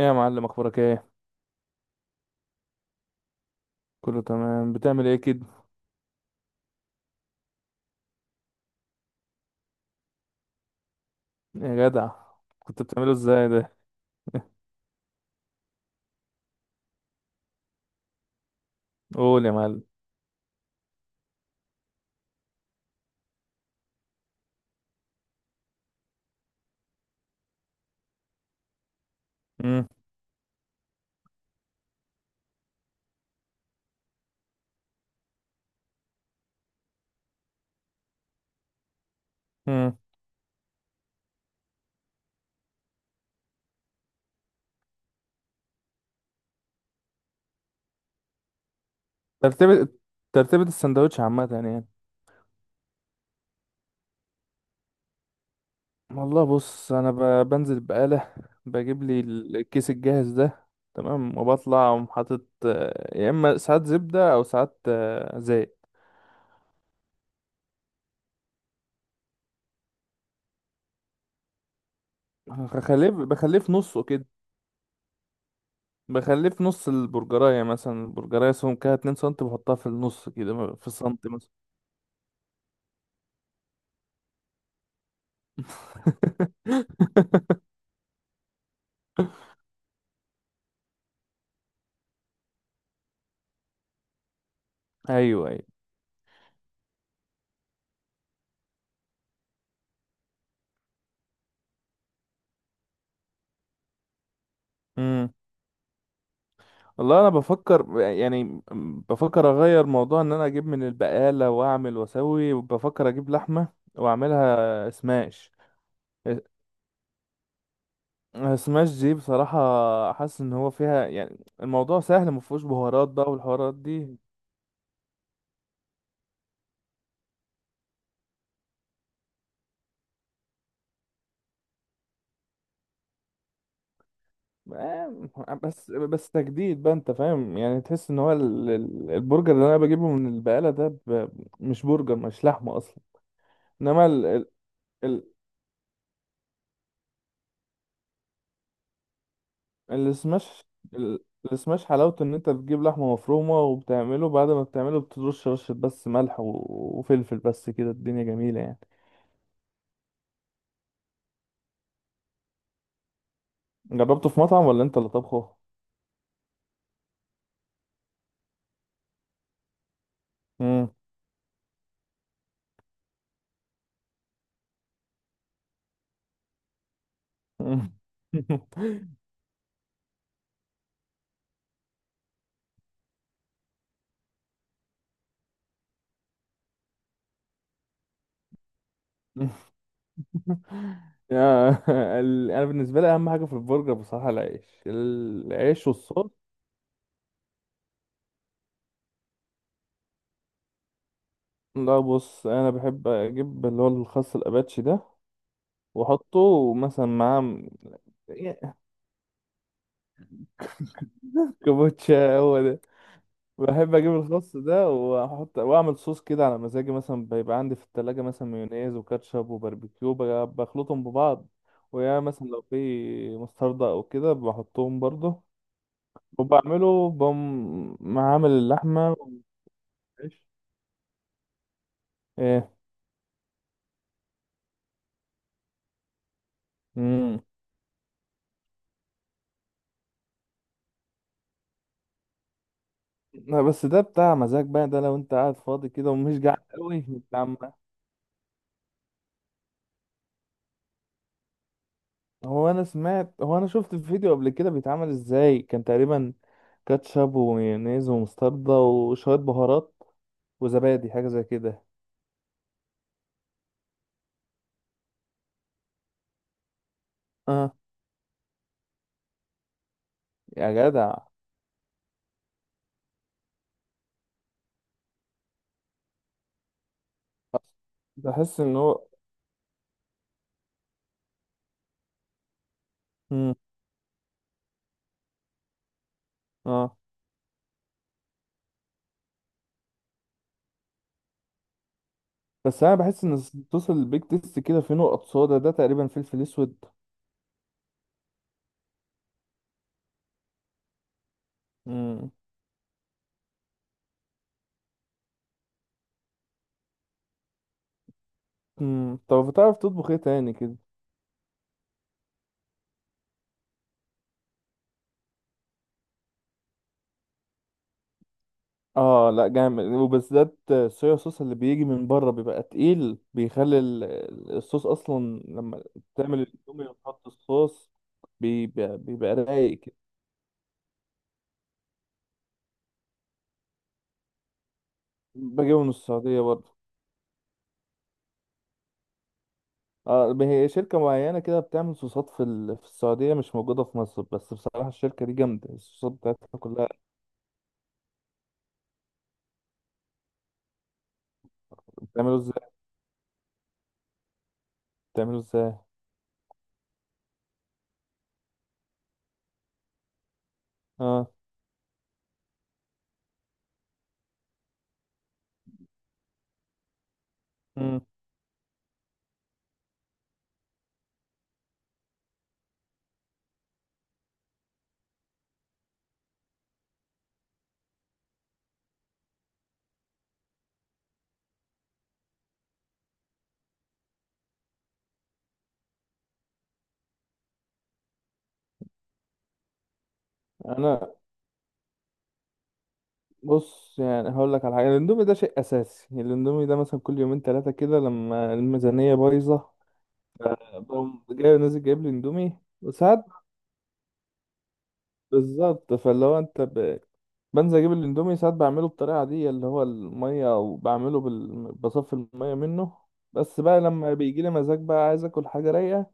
ايه يا معلم، اخبارك ايه؟ كله تمام؟ بتعمل ايه كده؟ يا جدع. كنت بتعمله ازاي ده؟ قول يا معلم. امم امم ترتيب ترتيبة السندوتش عامة يعني. والله بص، انا بنزل بقالة، بجيب لي الكيس الجاهز ده. تمام، وبطلع أقوم حاطط يا اما ساعات زبدة او ساعات زيت. بخليه في نصه كده. بخليه في نص البرجراية مثلا، البرجراية سمكها 2 سم، بحطها في النص كده، في سنتي مثلا. ايوه، ايوه. امم والله انا بفكر يعني، بفكر اغير موضوع، ان انا اجيب من البقالة واعمل واسوي، وبفكر اجيب لحمة واعملها سماش. سماش دي بصراحة حاسس ان هو فيها، يعني الموضوع سهل، مفهوش بهارات بقى والحوارات دي. بس بس تجديد بقى، انت فاهم؟ يعني تحس ان هو البرجر اللي انا بجيبه من البقالة ده مش برجر، مش لحمة اصلا. انما ال- السماش، ال- السماش حلاوته ان انت بتجيب لحمه مفرومه وبتعمله، بعد ما بتعمله بترش رشه بس ملح وفلفل، بس كده الدنيا جميله يعني. جربته في مطعم ولا انت اللي طبخه؟ مم. مم. يا انا بالنسبه لي اهم حاجه في البرجر بصراحه العيش، العيش والصوص. لا، بص، انا بحب اجيب اللي هو الخس الاباتشي ده، واحطه مثلا معاه. كابوتشا هو. بحب اجيب الخس ده واحط واعمل صوص كده على مزاجي، مثلا بيبقى عندي في التلاجة مثلا مايونيز وكاتشب وباربيكيو، بخلطهم ببعض، ويا مثلا لو في مستردة او كده بحطهم برضه، وبعمله بقوم معامل اللحمة والعيش. ايه؟ امم لا، بس ده بتاع مزاج بقى، ده لو انت قاعد فاضي كده ومش جعان قوي. هو انا سمعت، هو انا شفت الفيديو قبل كده بيتعمل ازاي. كان تقريبا كاتشب ومايونيز ومستردة وشوية بهارات وزبادي، حاجة زي كده. اه. يا جدع. بحس ان هو امم اه، بس انا بحس ان صوص البيك تيست كده فيه نقط صودا، ده تقريبا فلفل اسود. امم طب بتعرف تطبخ ايه تاني كده؟ اه، لا جامد، وبالذات الصويا صوص اللي بيجي من بره بيبقى تقيل، بيخلي الصوص اصلا، لما تعمل الاندومي وتحط الصوص بيبقى رايق كده. بجيبه من السعودية برضه. اه، هي شركة معينة كده بتعمل صوصات في السعودية، مش موجودة في مصر، بس بصراحة الشركة دي جامدة، الصوصات بتاعتها كلها. بتعمله ازاي بتعمله ازاي؟ اه. مم. انا بص، يعني هقول لك على حاجه. الاندومي ده شيء اساسي، الاندومي ده مثلا كل يومين ثلاثه كده لما الميزانيه بايظه، بقوم جاي نازل جايب لي اندومي. وساعات بالظبط، فاللي هو انت بنزل اجيب الاندومي. ساعات بعمله بالطريقه دي اللي هو الميه، وبعمله بصفي الميه منه. بس بقى لما بيجي لي مزاج بقى عايز اكل حاجه رايقه،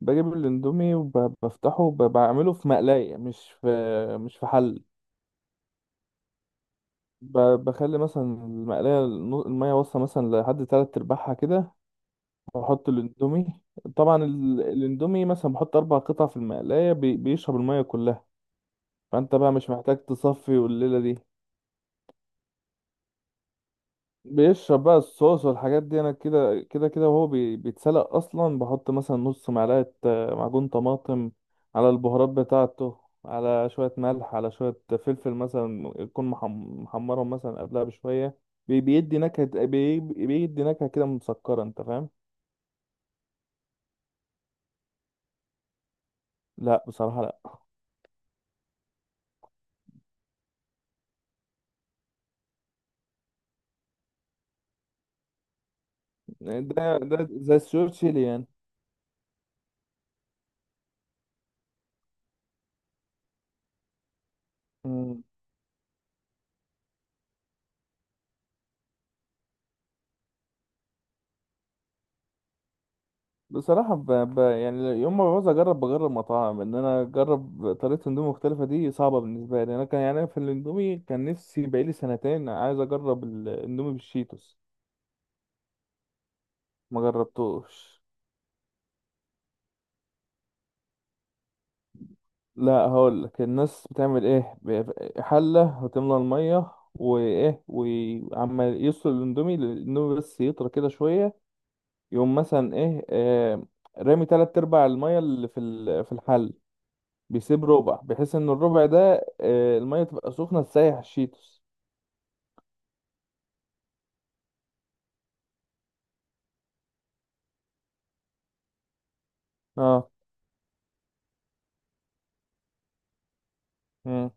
بجيب الاندومي وبفتحه وبعمله في مقلايه، مش في حل. بخلي مثلا المقلايه، الميه واصله مثلا لحد تلات ارباعها كده، واحط الاندومي. طبعا الاندومي مثلا بحط اربع قطع في المقلايه، بيشرب الميه كلها، فانت بقى مش محتاج تصفي. والليله دي بيشرب بقى الصوص والحاجات دي، انا كده كده كده وهو بيتسلق اصلا. بحط مثلا نص معلقه معجون طماطم على البهارات بتاعته، على شويه ملح، على شويه فلفل مثلا، يكون محمرهم مثلا قبلها بشويه. بيدي نكهه، بيدي نكهه كده مسكره، انت فاهم؟ لا بصراحه. لا، ده زي السوشي تشيلي يعني. بصراحة يعني يوم ما بعوز بجرب مطاعم. إن أنا أجرب طريقة أندومي مختلفة دي صعبة بالنسبة لي. أنا كان، يعني أنا في الأندومي، كان نفسي بقالي سنتين عايز أجرب الأندومي بالشيتوس. ما جربتوش. لا، هقولك الناس بتعمل إيه، حلة وتملى المية وإيه، وعمال يسلق الأندومي، بس يطرى كده شوية. يقوم مثلا إيه، رامي تلات أرباع المية اللي في الحلة، بيسيب ربع بحيث ان الربع ده الميه تبقى سخنه تسيح الشيتوس. اه. امم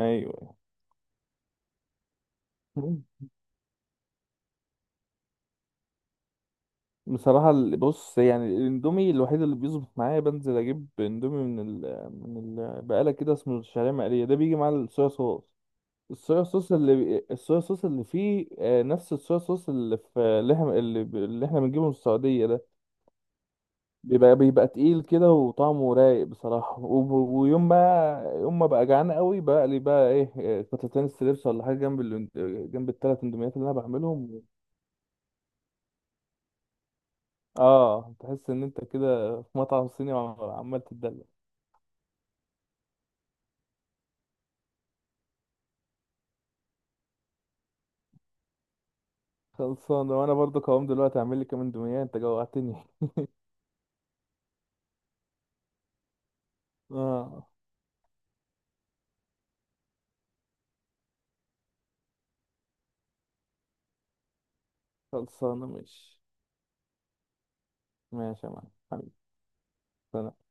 ايوه. مم. بصراحه بص، يعني الاندومي الوحيد اللي بيظبط معايا، بنزل اجيب اندومي من من البقاله كده، اسمه الشعريه مقليه، ده بيجي مع الصويا صوص. الصويا صوص اللي فيه نفس الصويا صوص اللي في اللي احنا بنجيبه من السعوديه ده، بيبقى تقيل كده وطعمه رايق بصراحة. ويوم ما يوم ما بقى جعان قوي بقى لي بقى إيه، قطعتين ستريبس ولا حاجة جنب جنب الثلاث اندوميات اللي انا بعملهم. اه، تحس ان انت كده في مطعم صيني، عمال تتدلع. خلصانة. وانا برضو قوام دلوقتي اعمل لي كام اندومية، انت جوعتني. اه. خلصانة، ماشي. ماشي يا معلم حبيبي. سلام.